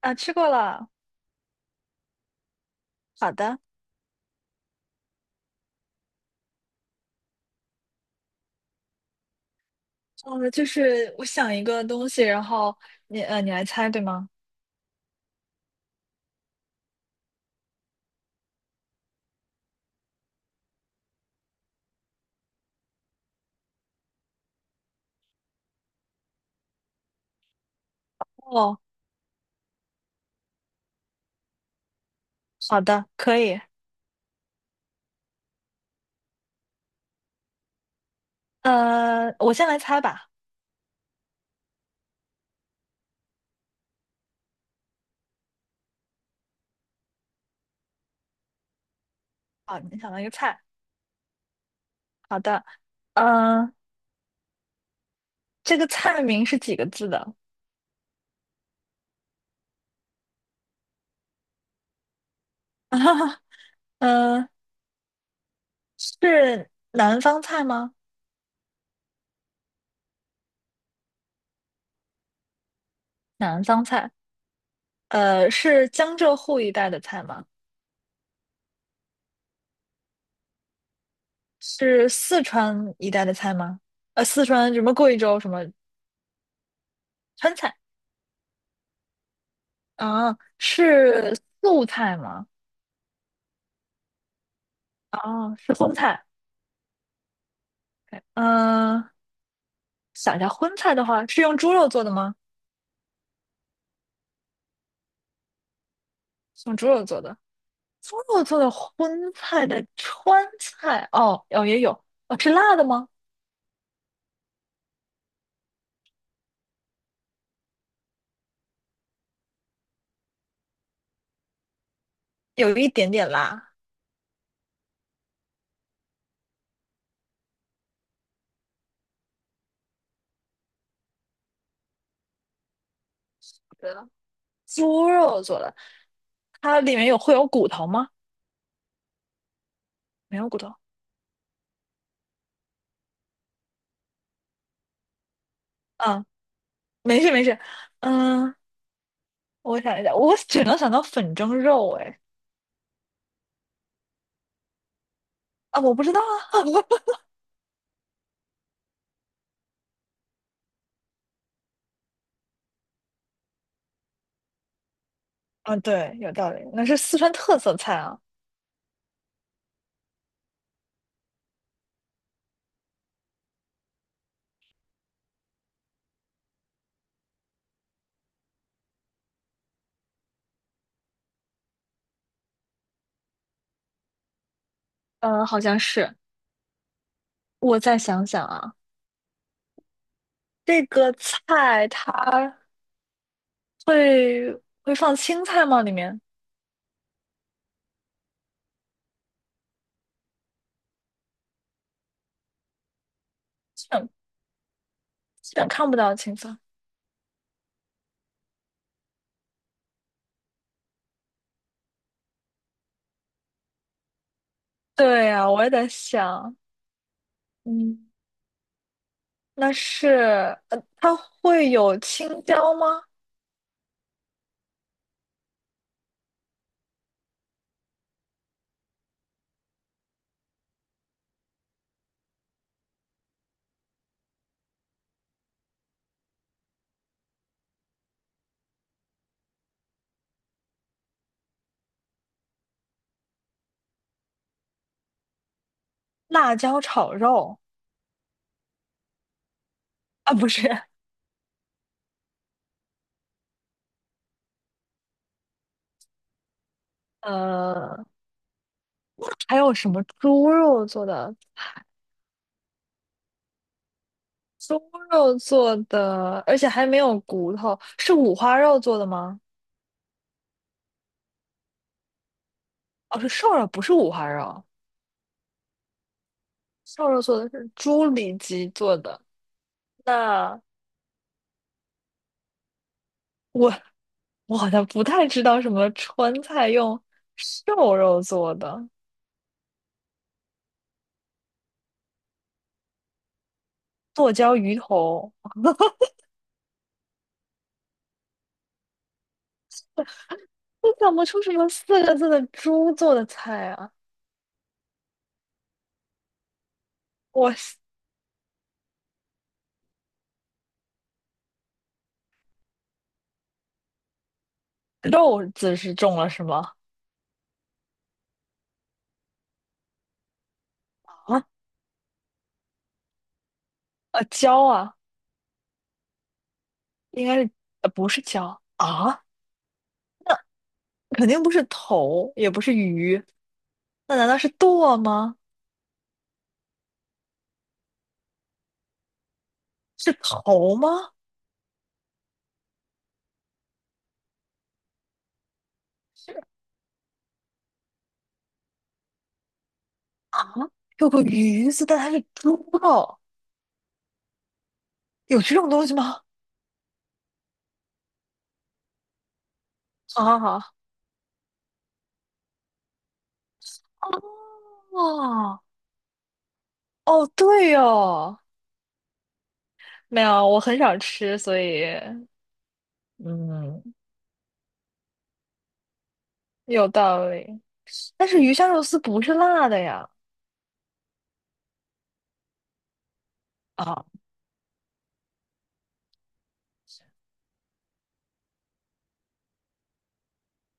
啊，吃过了。好的，就是我想一个东西，然后你你来猜，对吗？哦，好的，可以。我先来猜吧。好，你想到一个菜。好的，嗯、这个菜名是几个字的？嗯、是南方菜吗？南方菜。呃，是江浙沪一带的菜吗？是四川一带的菜吗？呃，四川什么贵州什么川菜？啊，是素菜吗？哦，是荤菜，OK。想一下，荤菜的话是用猪肉做的吗？是用猪肉做的，猪肉做的荤菜的川菜，哦，哦也有，哦是辣的吗？有一点点辣。对了，猪肉做的，它里面有会有骨头吗？没有骨头。嗯，没事没事。嗯，我想一下，我只能想到粉蒸肉，哎，啊，我不知道啊。啊，对，有道理，那是四川特色菜啊。嗯，好像是。我再想想啊。这个菜它会会放青菜吗？里面基本基本看不到青菜。对呀，我也在想，嗯，那是呃，它会有青椒吗？辣椒炒肉啊，不是，呃，还有什么猪肉做的？猪肉做的，而且还没有骨头，是五花肉做的吗？哦，是瘦肉，不是五花肉，瘦肉做的是猪里脊做的。那。我。我好像不太知道什么川菜用瘦肉做的剁椒鱼头，我想不出什么四个字的猪做的菜啊。我肉字是中了是吗？啊，啊椒啊，应该是呃不是椒啊，肯定不是头，也不是鱼，那难道是剁吗？是头吗？是啊，有个鱼字，但它是猪肉，有这种东西吗？啊哦，哦，对哦。没有，我很少吃，所以嗯，有道理。但是鱼香肉丝不是辣的呀。啊，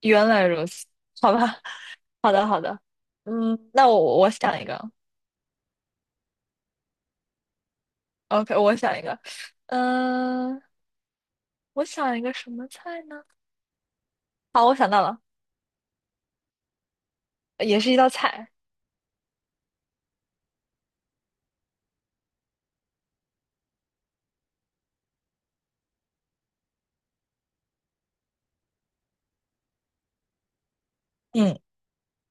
原来如此，好吧，好的，好的。嗯，那我想一个，OK，我想一个，嗯、我想一个什么菜呢？好，我想到了，也是一道菜，嗯，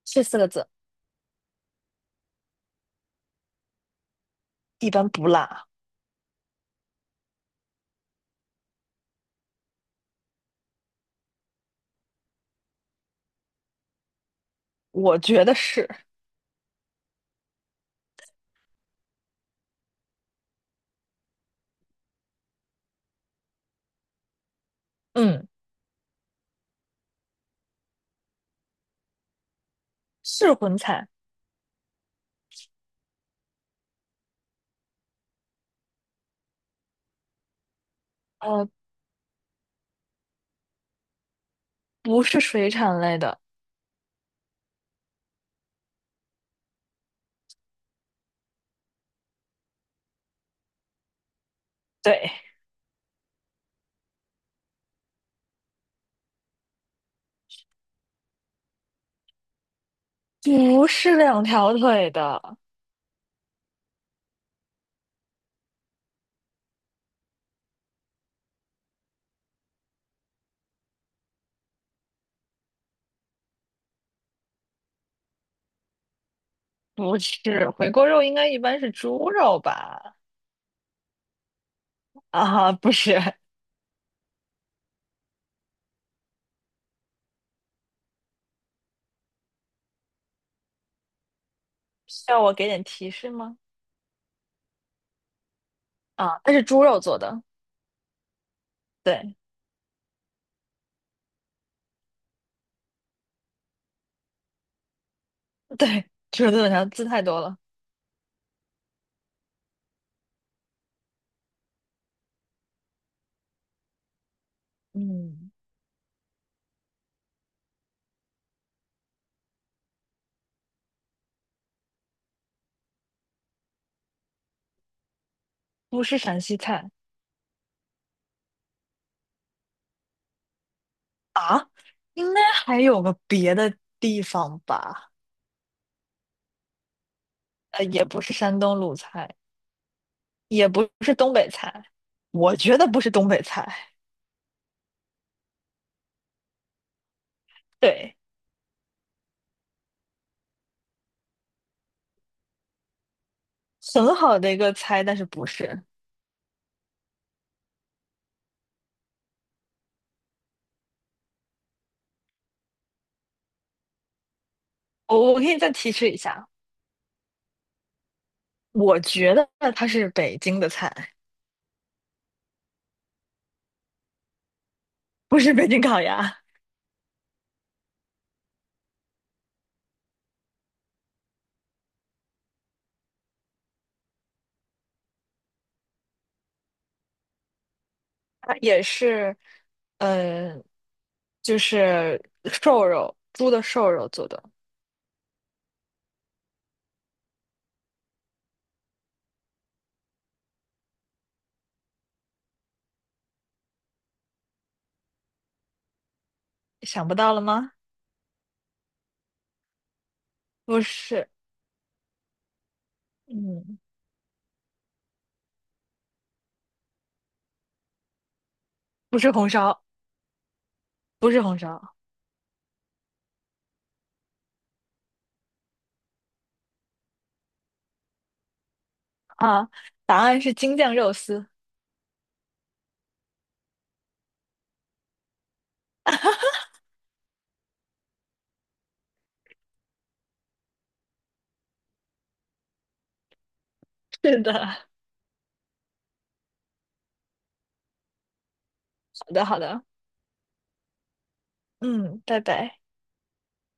是四个字，一般不辣，我觉得是，嗯，是荤菜，呃，不是水产类的，对，不是两条腿的，不是，回锅肉应该一般是猪肉吧？啊，不是，需要我给点提示吗？啊，它是猪肉做的，对，对，猪肉做的啥字太多了，嗯，不是陕西菜啊，应该还有个别的地方吧？呃，也不是山东鲁菜，也不是东北菜，我觉得不是东北菜，对，很好的一个猜，但是不是，我可以再提示一下，我觉得它是北京的菜。不是北京烤鸭，它也是，呃就是瘦肉，猪的瘦肉做的，想不到了吗？不是，嗯，不是红烧，不是红烧啊，答案是京酱肉丝。是的，好的，好的，嗯，拜拜。